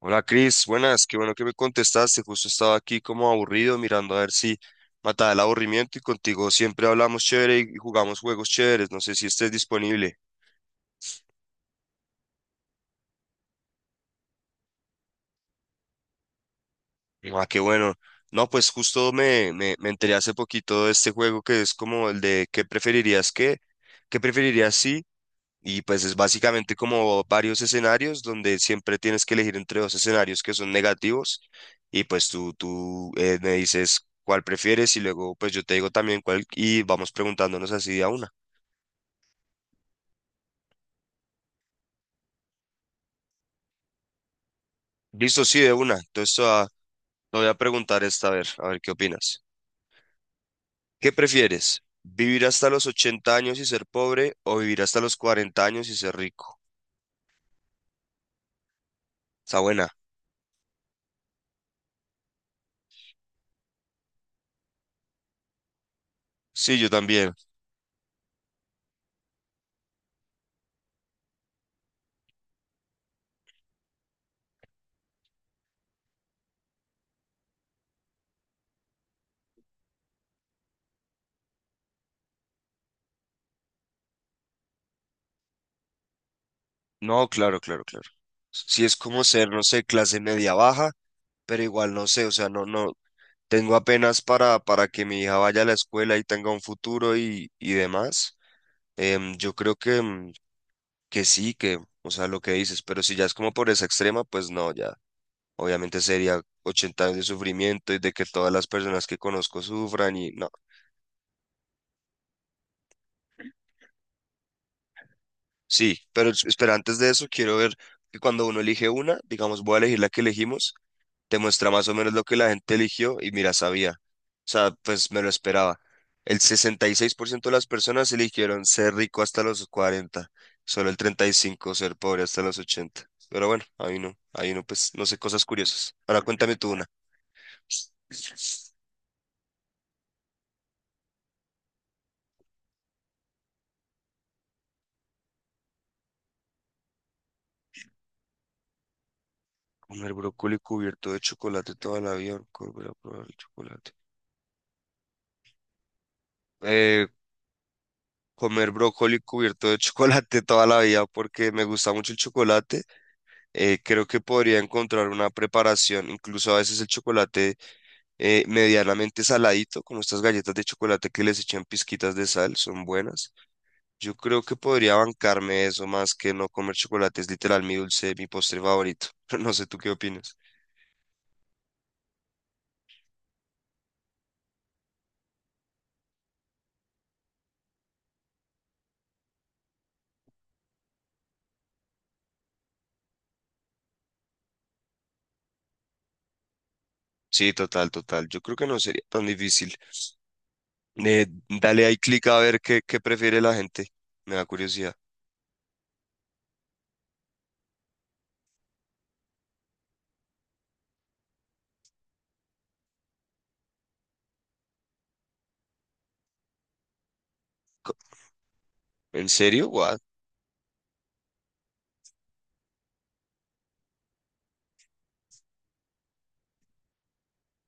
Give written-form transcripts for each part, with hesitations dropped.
Hola Cris, buenas, qué bueno que me contestaste. Justo estaba aquí como aburrido mirando a ver si mataba el aburrimiento y contigo siempre hablamos chévere y jugamos juegos chéveres. No sé si estés disponible. Ah, qué bueno. No, pues justo me enteré hace poquito de este juego que es como el de ¿qué preferirías qué? ¿Qué preferirías si? Y pues es básicamente como varios escenarios donde siempre tienes que elegir entre dos escenarios que son negativos y pues tú me dices cuál prefieres y luego pues yo te digo también cuál y vamos preguntándonos así de a una. Listo, sí, de una. Entonces te voy a preguntar esta, a ver qué opinas. ¿Qué prefieres? ¿Vivir hasta los 80 años y ser pobre o vivir hasta los 40 años y ser rico? Está buena. Sí, yo también. No, claro, claro, claro. Si es como ser, no sé, clase media baja, pero igual no sé, o sea, no, no, tengo apenas para que mi hija vaya a la escuela y tenga un futuro y demás. Yo creo que, que sí, que, o sea, lo que dices, pero si ya es como por esa extrema, pues no, ya, obviamente sería 80 años de sufrimiento y de que todas las personas que conozco sufran y no. Sí, pero espera, antes de eso quiero ver que cuando uno elige una, digamos, voy a elegir la que elegimos, te muestra más o menos lo que la gente eligió y mira, sabía. O sea, pues me lo esperaba. El 66% de las personas eligieron ser rico hasta los 40, solo el 35% ser pobre hasta los 80. Pero bueno, ahí no, pues no sé, cosas curiosas. Ahora cuéntame tú una. Comer brócoli cubierto de chocolate toda la vida, nunca volver a probar el chocolate. Eh, comer brócoli cubierto de chocolate toda la vida porque me gusta mucho el chocolate, creo que podría encontrar una preparación, incluso a veces el chocolate medianamente saladito, como estas galletas de chocolate que les echan pizquitas de sal, son buenas. Yo creo que podría bancarme eso más que no comer chocolate, es literal mi dulce, mi postre favorito. No sé tú qué opinas. Sí, total, total. Yo creo que no sería tan difícil. Dale ahí clic a ver qué prefiere la gente. Me da curiosidad. Co- ¿En serio? What?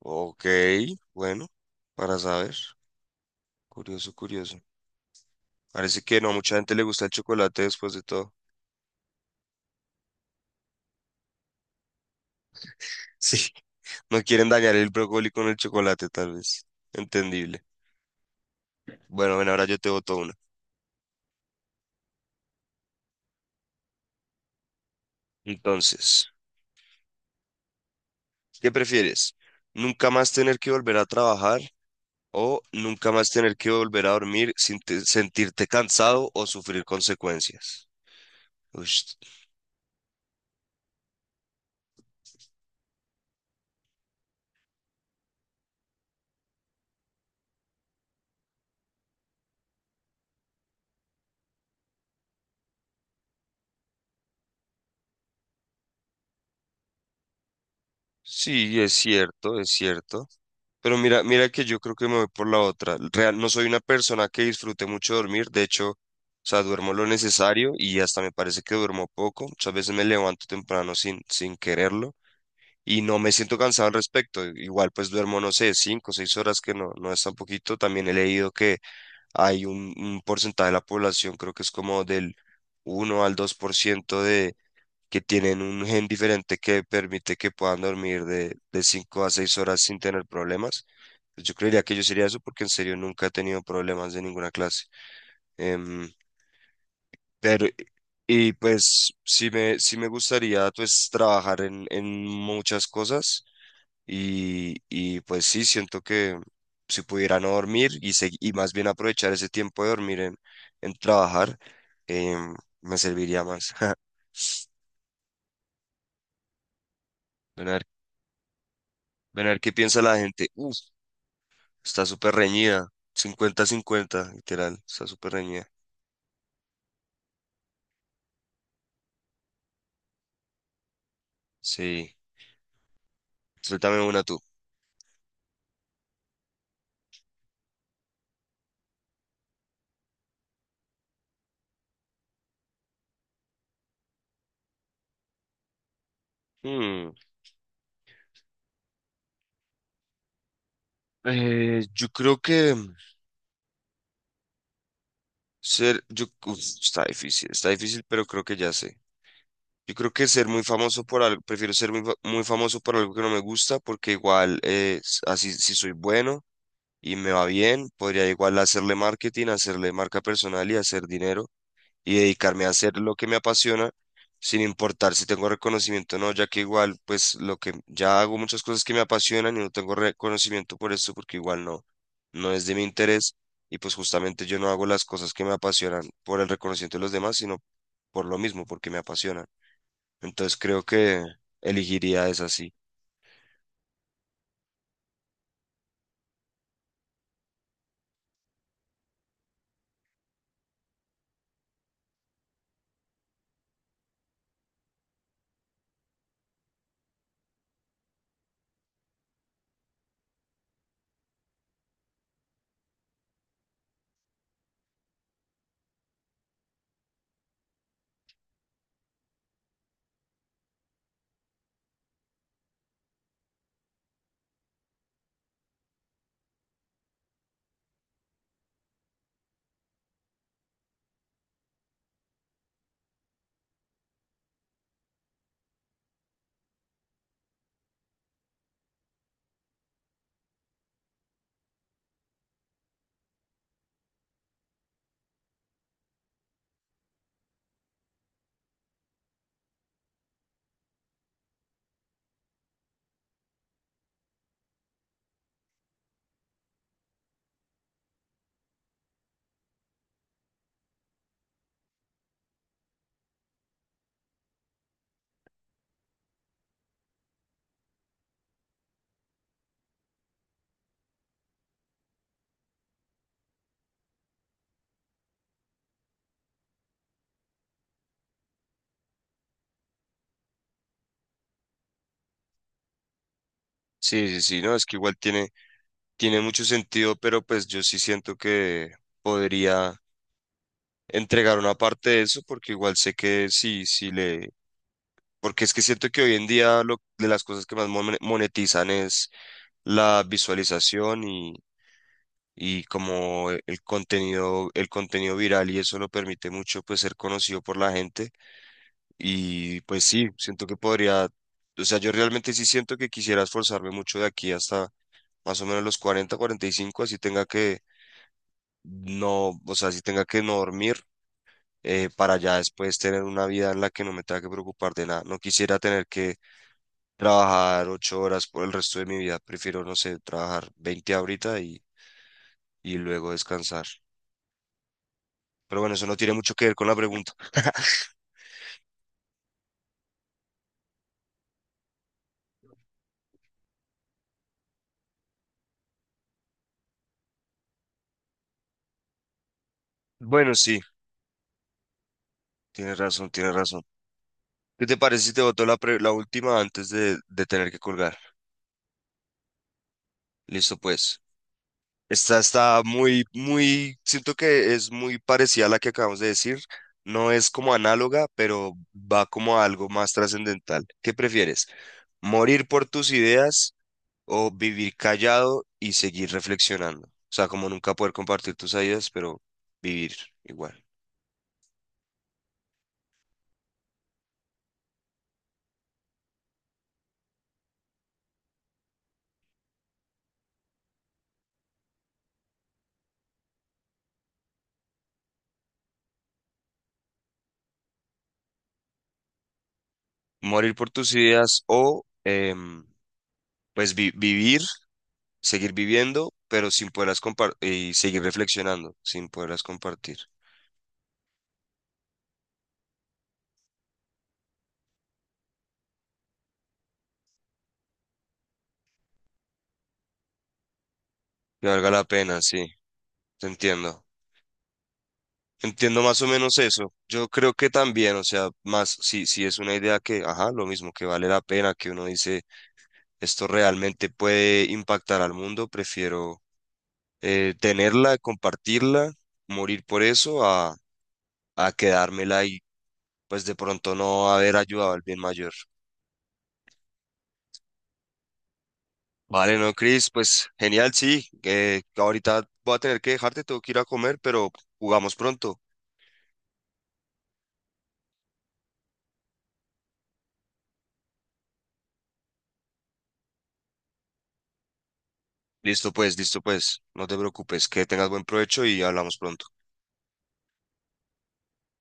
Ok, bueno, para saber. Curioso, curioso. Parece que no a mucha gente le gusta el chocolate después de todo. Sí. No quieren dañar el brócoli con el chocolate, tal vez. Entendible. Bueno, bueno, ahora yo te boto una. Entonces, ¿qué prefieres? ¿Nunca más tener que volver a trabajar o nunca más tener que volver a dormir sin sentirte cansado o sufrir consecuencias? Ush. Sí, es cierto, es cierto. Pero mira, mira que yo creo que me voy por la otra. Real, no soy una persona que disfrute mucho dormir. De hecho, o sea, duermo lo necesario y hasta me parece que duermo poco. Muchas veces me levanto temprano sin quererlo y no me siento cansado al respecto. Igual pues duermo, no sé, 5 o 6 horas que no es tan poquito. También he leído que hay un porcentaje de la población, creo que es como del 1 al 2%, de que tienen un gen diferente que permite que puedan dormir de 5 a 6 horas sin tener problemas pues. Yo creería que yo sería eso porque en serio nunca he tenido problemas de ninguna clase. Em, pero, y pues sí me gustaría pues trabajar en muchas cosas, y pues sí, siento que si pudiera no dormir y, y más bien aprovechar ese tiempo de dormir en trabajar, em, me serviría más. Ven a ver, ven a ver qué piensa la gente. Uf, está súper reñida. Cincuenta cincuenta literal, está súper reñida. Sí, suéltame una tú. Hmm. Yo creo que ser, yo, uf, está difícil, pero creo que ya sé. Yo creo que ser muy famoso por algo, prefiero ser muy famoso por algo que no me gusta, porque igual, así, si soy bueno y me va bien, podría igual hacerle marketing, hacerle marca personal y hacer dinero, y dedicarme a hacer lo que me apasiona, sin importar si tengo reconocimiento o no, ya que igual, pues lo que ya hago muchas cosas que me apasionan y no tengo reconocimiento por eso porque igual no, no es de mi interés. Y pues justamente yo no hago las cosas que me apasionan por el reconocimiento de los demás, sino por lo mismo, porque me apasionan. Entonces creo que elegiría esa, sí. Sí, sí, sí, no, es que igual tiene, tiene mucho sentido, pero pues yo sí siento que podría entregar una parte de eso, porque igual sé que sí, si le. Porque es que siento que hoy en día lo, de las cosas que más monetizan es la visualización y como el contenido, viral, y eso lo permite mucho pues ser conocido por la gente. Y pues sí, siento que podría, o sea, yo realmente sí siento que quisiera esforzarme mucho de aquí hasta más o menos los 40, 45, así tenga que no, o sea, así tenga que no dormir, para ya después tener una vida en la que no me tenga que preocupar de nada. No quisiera tener que trabajar 8 horas por el resto de mi vida. Prefiero, no sé, trabajar 20 ahorita y luego descansar. Pero bueno, eso no tiene mucho que ver con la pregunta. Bueno, sí, tienes razón, tienes razón. ¿Qué te parece si te boto la, la última antes de tener que colgar? Listo, pues. Esta está muy, muy, siento que es muy parecida a la que acabamos de decir. No es como análoga, pero va como a algo más trascendental. ¿Qué prefieres? ¿Morir por tus ideas o vivir callado y seguir reflexionando? O sea, como nunca poder compartir tus ideas, pero vivir igual. Morir por tus ideas o pues vivir, seguir viviendo, pero sin poderlas compartir y seguir reflexionando, sin poderlas compartir. Que valga la pena, sí, te entiendo. Entiendo más o menos eso. Yo creo que también, o sea, más si, es una idea que, ajá, lo mismo, que vale la pena, que uno dice, esto realmente puede impactar al mundo, prefiero tenerla, compartirla, morir por eso, a quedármela y pues de pronto no haber ayudado al bien mayor. Vale, no, Chris, pues genial, sí. Que ahorita voy a tener que dejarte, tengo que ir a comer, pero jugamos pronto. Listo, pues, listo, pues. No te preocupes, que tengas buen provecho y hablamos pronto.